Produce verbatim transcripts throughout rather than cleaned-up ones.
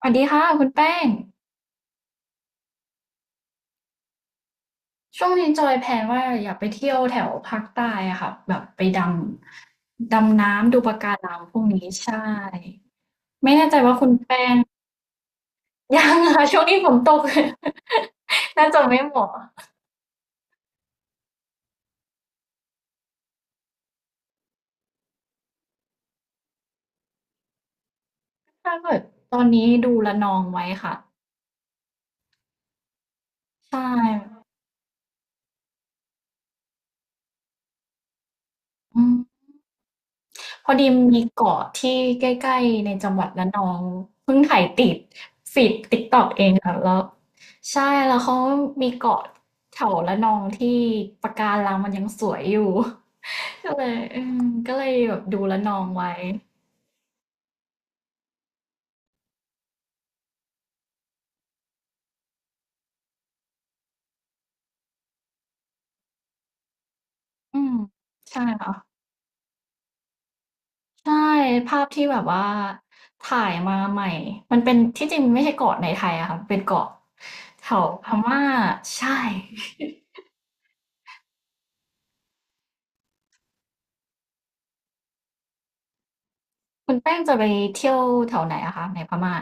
สวัสดีค่ะคุณแป้งช่วงนี้จอยแพลนว่าอยากไปเที่ยวแถวภาคใต้อะค่ะแบบไปดำดำน้ำดูปะการังพวกนี้ใช่ไม่แน่ใจว่าคุณแป้งยังค่ะ ช่วงนี้ฝนตก น่าจะไม่เหมาะถ้าเกิดตอนนี้ดูละนองไว้ค่ะใช่อืม พอดีมีเกาะที่ใกล้ๆในจังหวัดระนองเพิ่งถ่ายติดฟีดติ๊กต็อกเองค่ะแล้วใช่แล้วเขามีเกาะแถวระนองที่ปะการังมันยังสวยอยู่ ก็เลยอืมก็เลยแบบดูระนองไว้อืมใช่ค่ะใช่ภาพที่แบบว่าถ่ายมาใหม่มันเป็นที่จริงไม่ใช่เกาะในไทยอะค่ะเป็นเกาะแถวพม่าใช่คุณแป้งจะไปเที่ยวแถวไหนอะคะในพม่า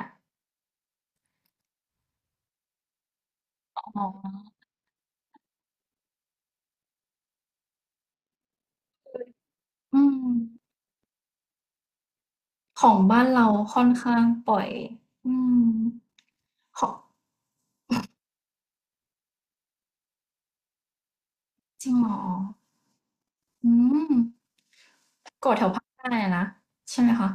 อ๋อ อืมของบ้านเราค่อนข้างปล่อยอืมขอจริงเหรออืมเก่แถวภาคใต้อะนะใช่ไหมคะ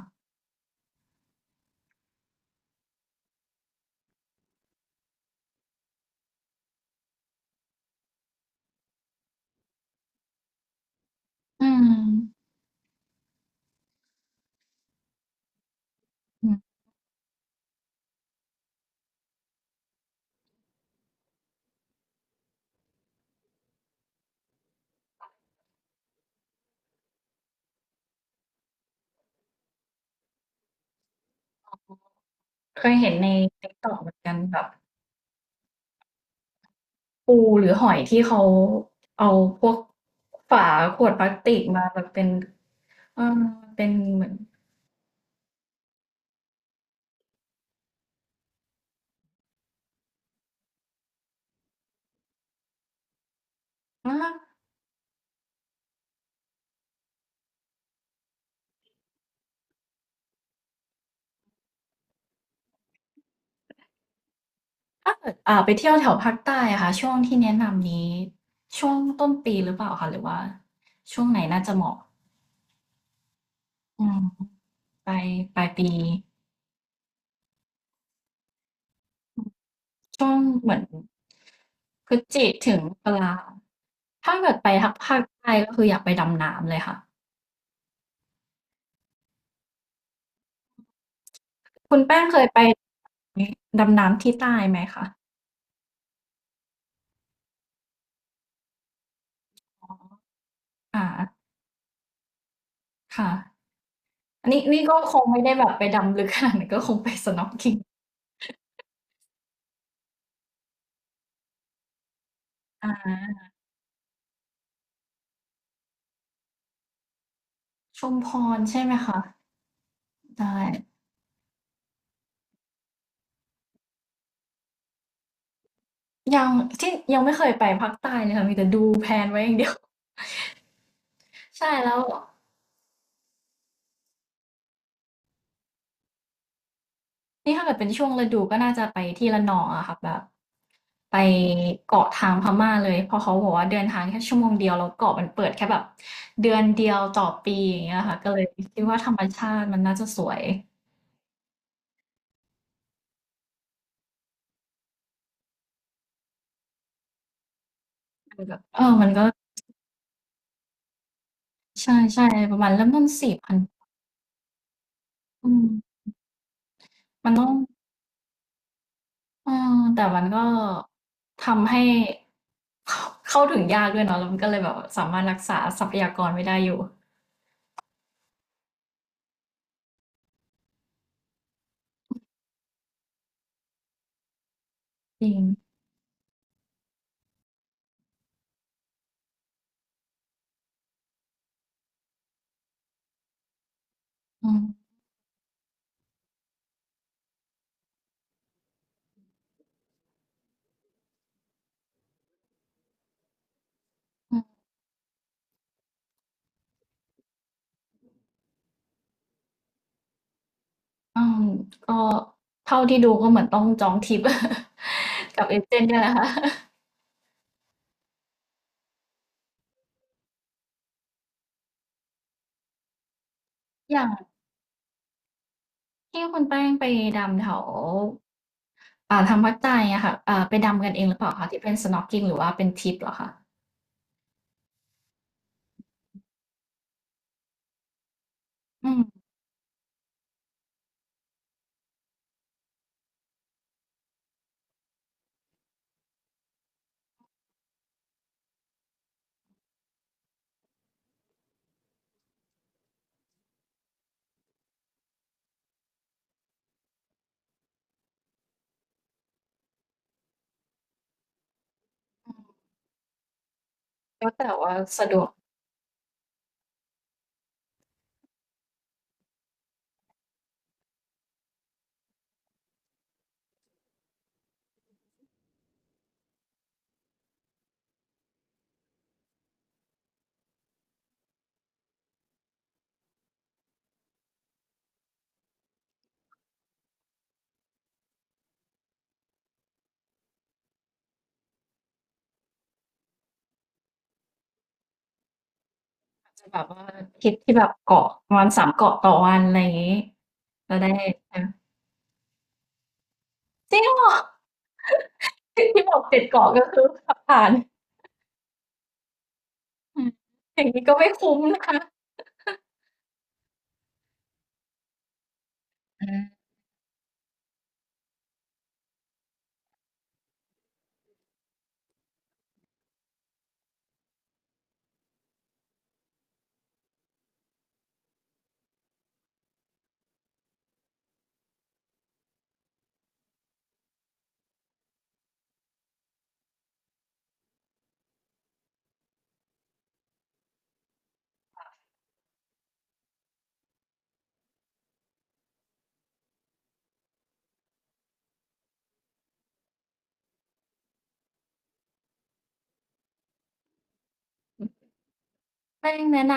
อืมอืมเคยเห็นใน TikTok เหมือนกันแบบปูหรือหอยที่เขาเอาพวกฝาขวดพลาสติกมาแบบเป็นเออเป็นเหมือนอาถ้าเกิดอ่าไปเที่ยวแถวภาคใต้อะค่ะช่วงที่แนะนำนี้ช่วงต้นปีหรือเปล่าคะหรือว่าช่วงไหนน่าจะเหมาะอืมปลายปลายปี ช่วงเหมือนพฤศจิถึงตุลาถ้าเกิดไปทางภาคใต้ก็คืออยากไปดำน้ำเลยค่ะคุณแป้งเคยไปนี้ดำน้ำที่ใต้ไหมคะอ่าค่ะอันนี้นี่ก็คงไม่ได้แบบไปดำลึกขนาดนั้นก็คงไป snorkeling อาชุมพรใช่ไหมคะได้ยังที่ยังไม่เคยไปภาคใต้เลยค่ะมีแต่ดูแพลนไว้อย่างเดียวใช่แล้วนี่ถ้าเกิดเป็นช่วงฤดูก็น่าจะไปที่ระนองอะค่ะแบบ ไปเกาะทางพม่าเลยเพราะเขาบอกว่าเดินทางแค่ชั่วโมงเดียวแล้วเกาะมันเปิดแค่แบบเดือนเดียวต่อปีอย่างเงี้ยค่ะก็เลยคิดว่าธรรมชาติมันน่าจะสวยมันแบบเออมันก็ใช่ๆประมาณเริ่มต้นสี่พันอืมมันต้องเออแต่มันก็ทำให้เข้าเข้าถึงยากด้วยเนาะแล้วมันก็เลยแบบสามารถรักษาทรัพยากรไว้ได้อยู่จริงอืมอืมอืมก็เท่าที่ดูก็เหมือนต้องจองทริป กับเอเจนต์เนี่ยแหละค่ะ อย่างที่คุณแป้งไปดำแถวอ่าทางวัดใจอะค่ะอ่าไปดำกันเองหรือเปล่าคะที่เป็น snorkeling หรือว่าเป็นทริปเหรอคะอืมแล้วแต่ว่าสะดวกอาจจะแบบว่าทริปที่แบบเกาะประมาณสามเกาะต่อวันอะไรอย่างงี้จะได้อาจริงเหรอที่ที่บอกเจ็ดเกาะก็คือขับผ่านอืมอย่างงี้ก็ไม่คุ้มนะคะอาแป้งแนะน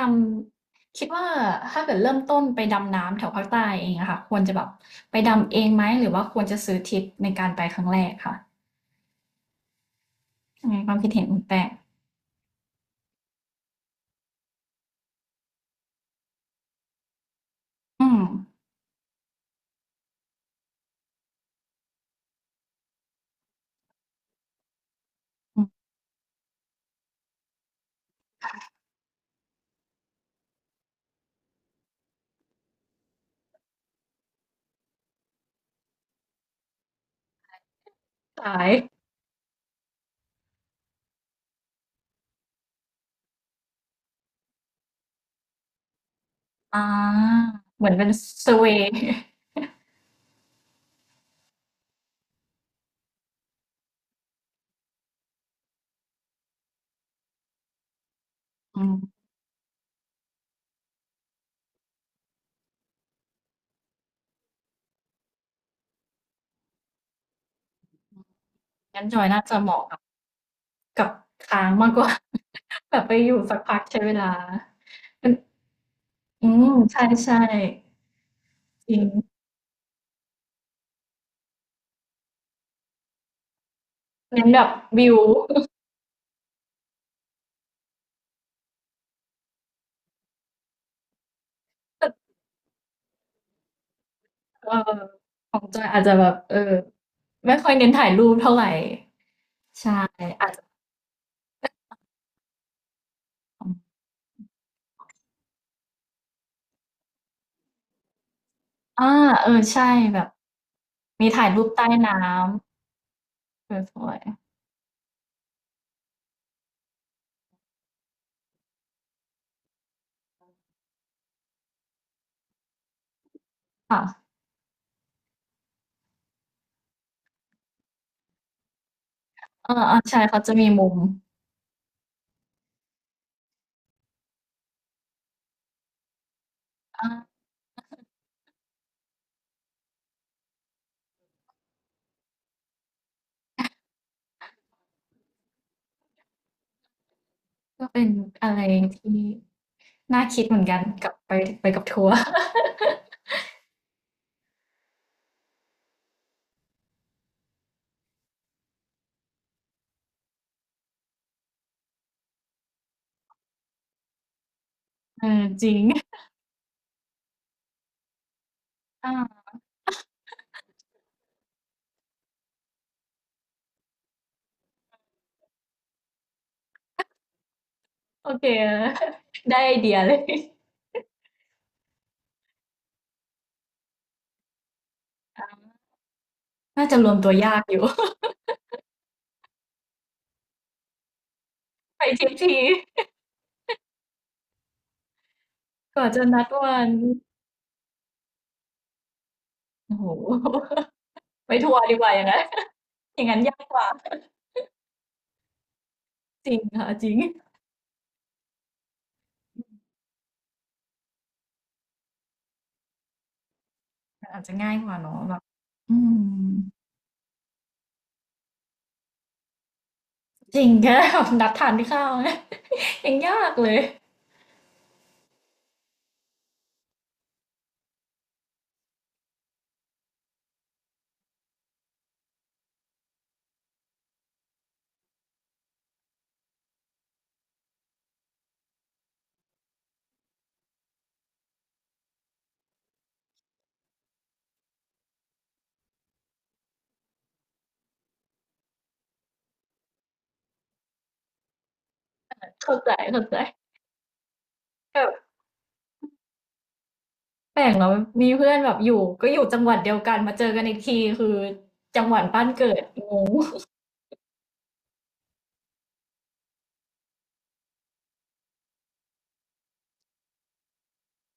ำคิดว่าถ้าเกิดเริ่มต้นไปดำน้ำแถวภาคใต้เองอะค่ะควรจะแบบไปดำเองไหมหรือว่าควรจะซื้อทริปในการไปครั้งแรกคะ อืมความคิดเห็นคุณแตกอืมอืมสายอาเหมือนเป็น sway อร์เวย์อืมงั้นจอยน่าจะเหมาะกับกับค้างมากกว่า แบบไปอยู่สักพักใช้เวลาเป็นอืมใช่ๆจริงเน้นแบบวิว เออของจอยอาจจะแบบเออไม่ค่อยเน้นถ่ายรูปเท่าไรใช่อาจจะอืมอาเออใช่แบบมีถ่ายรูปใต้น้ำสวยๆค่ะ เออๆใช่เขาจะมีมุมอาก็เป็นอะไรที่น่าคิดเหมือนกันกลับไปไปกับทัวร์ เออจริงอาโอเค ได้ไอเดียเลย น่าจะรวมตัวยากอยู่ ไปทริปที กว่าจะนัดวันโอ้โฮ ไปทัวร์ดีกว่าอย่างงั้น อย่างงั้นยากกว่า จริงค่ะจริงมันอาจจะง่ายกว่าเนาะแบบอืมจริงแค่ แบบนัดทานข้าว ยังยากเลยเข้าใจๆแบบ แปลกเนาะมีเพื่อนแบบอยู่ก็อยู่จังหวัดเดียวกันมาเจอกันอีกทีคือจังหวัดบ้านเกิดงง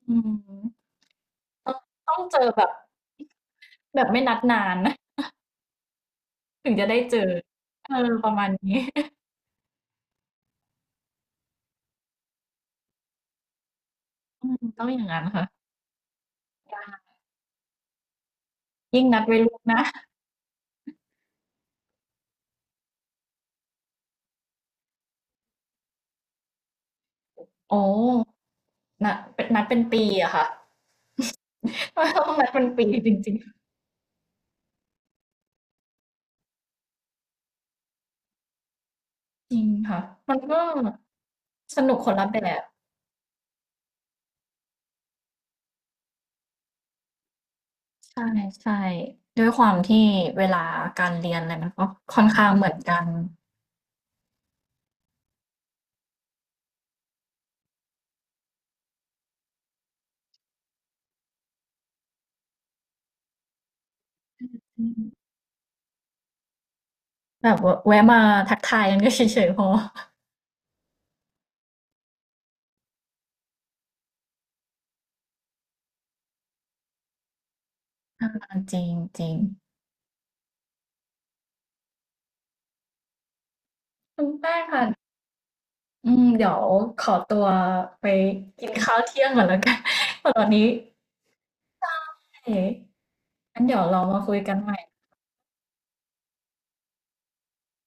อืมต้องต้องเจอแบบแบบไม่นัดนานถึงจะได้เจอเออประมาณนี้อืมต้องอย่างงั้นค่ะยิ่งนัดไว้ล่วงหน้าอ๋อนะเป็นนัดเป็นปีอะค่ะนต้องนัดเป็นปีจริงๆจริงค่ะมันก็สนุกคนละแบบใช่ๆด้วยความที่เวลาการเรียนอะไรมันก็ค่อนข้างเหมือนกันอืม แบบววะแวะมาทักทายกันก็เฉยๆพออาจริงจริงคุณแป้งค่ะอืมเดี๋ยวขอตัวไปกินข้าวเที่ยงก่อนแล้วกัน ตอนนี้เอะงั้นเดี๋ยวเรามาคุยกันใหม่